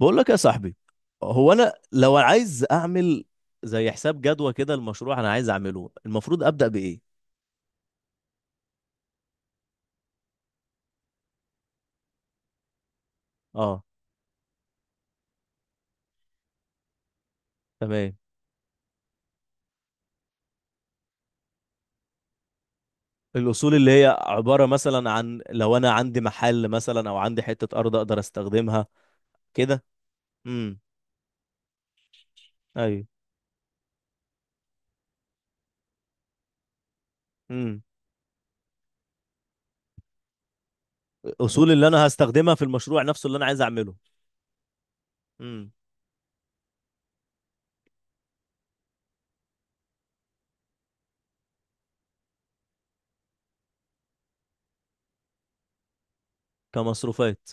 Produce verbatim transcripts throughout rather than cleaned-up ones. بقول لك يا صاحبي. هو انا لو عايز اعمل زي حساب جدوى كده، المشروع انا عايز اعمله، المفروض ابدا بايه؟ اه. تمام. الاصول اللي هي عباره مثلا عن لو انا عندي محل مثلا او عندي حته ارض اقدر استخدمها كده. امم ايوه. امم الاصول اللي انا هستخدمها في المشروع نفسه اللي انا عايز اعمله. امم كمصروفات.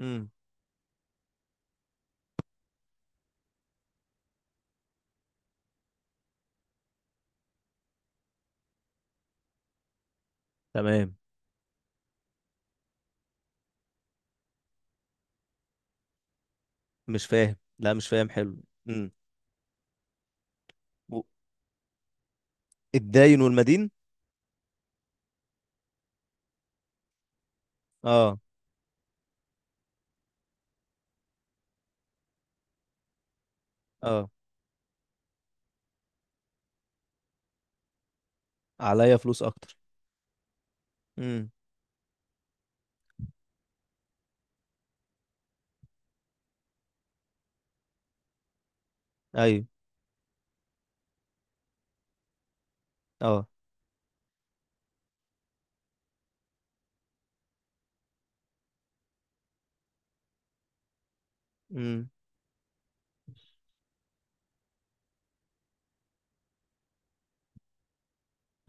امم تمام. مش فاهم، لا مش فاهم. حلو. امم و- الداين والمدين. اه. اه. عليا فلوس اكتر. امم ايوه. اه. امم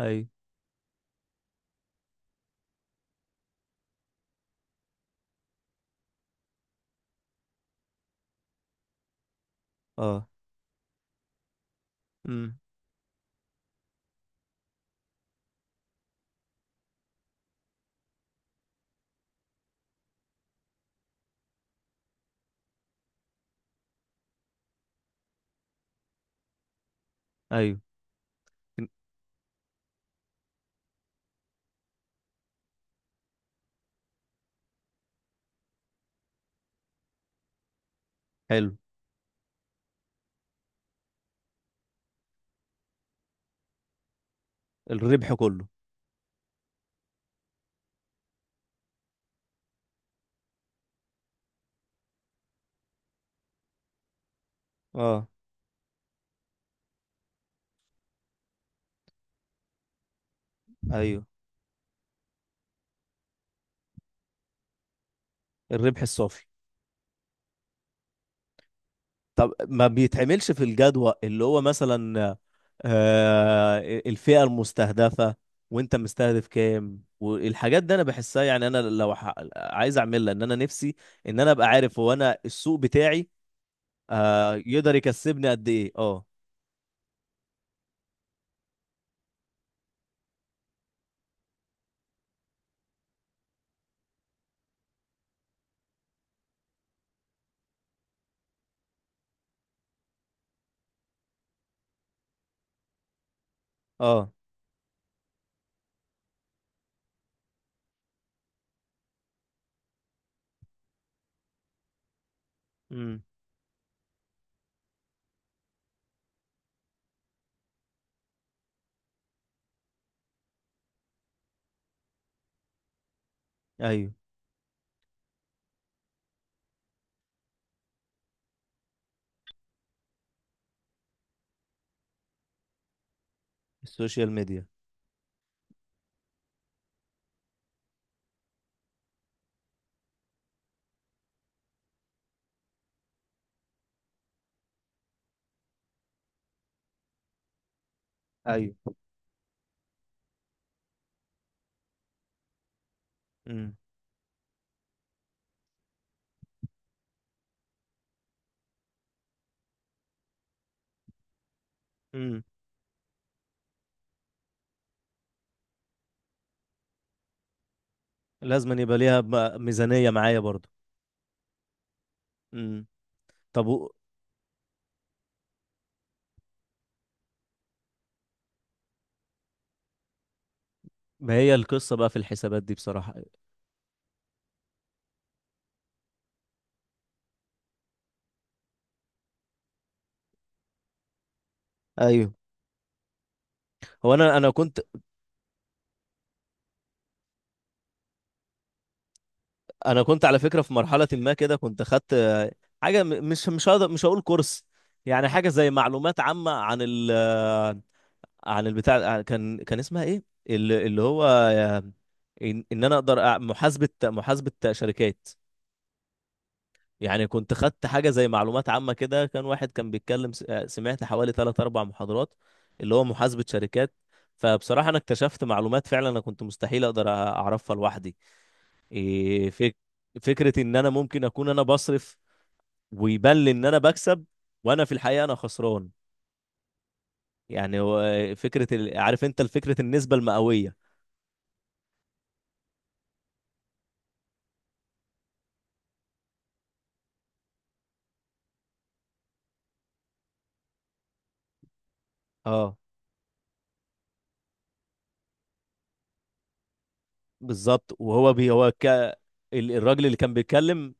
ايوه. اه. امم ايوه. حلو. الربح كله. اه. ايوه. الربح الصافي. طب ما بيتعملش في الجدول اللي هو مثلا آه الفئة المستهدفة، وانت مستهدف كام والحاجات دي انا بحسها. يعني انا لو ح... عايز اعملها، ان انا نفسي، ان انا ابقى عارف هو انا السوق بتاعي آه يقدر يكسبني قد ايه. اه. اه. امم ايوه. السوشيال ميديا. ايوه. امم لازم أن يبقى ليها م- ميزانية معايا برضو. امم طب و- ما هي القصة بقى في الحسابات دي بصراحة؟ ايوه. هو انا انا كنت. انا كنت على فكره في مرحله ما كده كنت خدت آه، حاجه م- مش مش هقدر، مش هقول كورس، يعني حاجه زي معلومات عامه عن ال آه، عن البتاع آه، كان كان اسمها ايه، ال- اللي هو آه، ان إن انا اقدر أع- محاسبه محاسبه شركات. يعني كنت خدت حاجة زي معلومات عامة كده، كان واحد كان بيتكلم س- آه، سمعت حوالي ثلاث أربع محاضرات اللي هو محاسبة شركات. فبصراحة أنا اكتشفت معلومات فعلا أنا كنت مستحيل أقدر أ- أعرفها لوحدي. إيه فك... فكرة إن أنا ممكن أكون أنا بصرف، ويبان لي إن أنا بكسب، وأنا في الحقيقة أنا خسران. يعني هو آه، فكرة ال... عارف أنت الفكرة، النسبة المئوية. اه بالظبط. وهو بي هو ك... ال- الراجل اللي كان بيتكلم.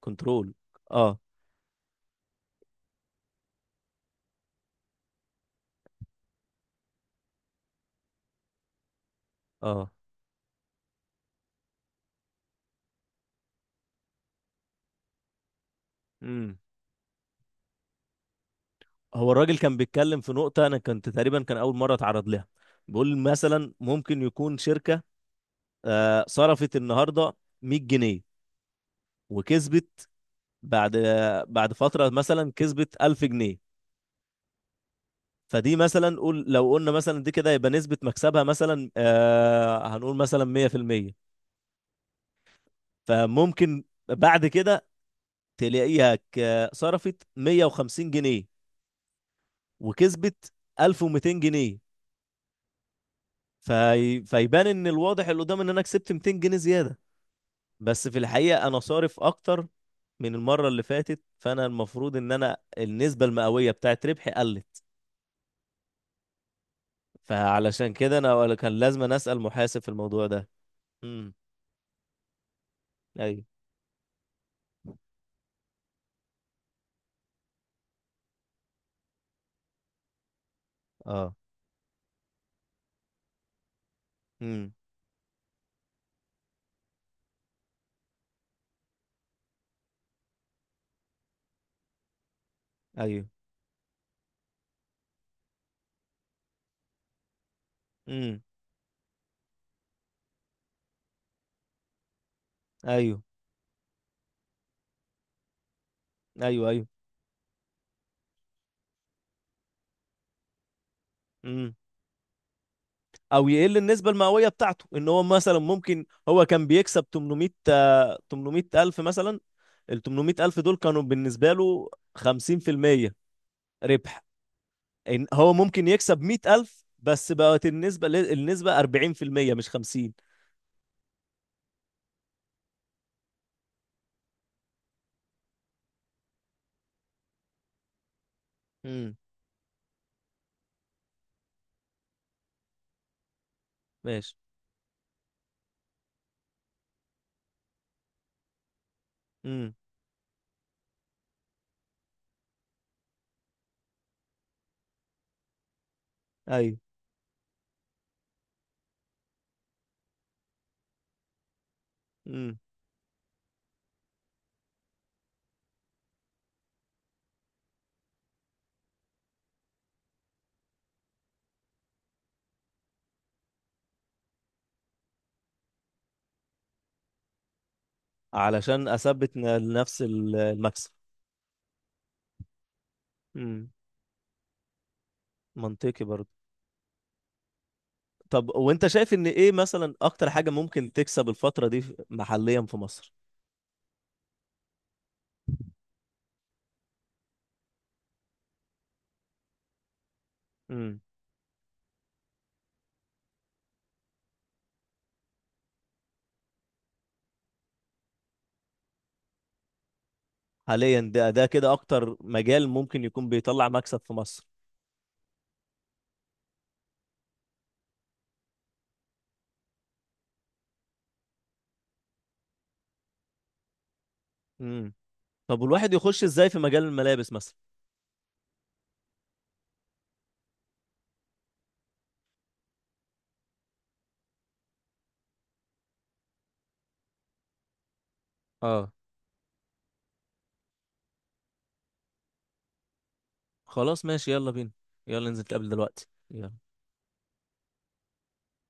كنترول. اه. اه. امم هو الراجل كان بيتكلم في نقطة أنا كنت تقريبا كان أول مرة أتعرض لها. بيقول مثلا ممكن يكون شركة آه، صرفت النهاردة مية جنيه وكسبت بعد آه، بعد فترة مثلا كسبت ألف جنيه. فدي مثلا، قول لو قلنا مثلا دي كده يبقى نسبة مكسبها مثلا آه، هنقول مثلا مية في المية. فممكن بعد كده تلاقيها ك- صرفت مية وخمسين جنيه وكسبت ألف ومائتين جنيه. في... فيبان ان الواضح اللي قدام ان انا كسبت مائتين جنيه زيادة. بس في الحقيقة أنا صارف أكتر من المرة اللي فاتت، فأنا المفروض إن أنا النسبة المئوية بتاعت ربحي قلت. فعلشان كده أنا ولا كان لازم أنا أسأل محاسب في الموضوع ده. امم أيوه. أه. امم أيوه. امم أيوه. أيوه. أيوه. امم أو يقل النسبة المئوية بتاعته، إن هو مثلا ممكن هو كان بيكسب تمنمية، ثمانمائة ألف مثلا. ال تمنمية ألف دول كانوا بالنسبة له خمسين في المية ربح. إن هو ممكن يكسب مائة ألف بس بقت النسبة ل- النسبة أربعين في المية مش خمسين. امم ماشي. امم ايوه. امم علشان اثبت ن- نفس ال- المكسب. امم منطقي برضه. طب وانت شايف ان ايه مثلا اكتر حاجة ممكن تكسب الفترة دي في- محليا في مصر؟ امم حاليا ده ده كده اكتر مجال ممكن يكون بيطلع مكسب في مصر. امم طب والواحد يخش ازاي في مجال الملابس مثلا؟ اه. خلاص ماشي، يلا بينا، يلا ننزل نتقابل دلوقتي. يلا.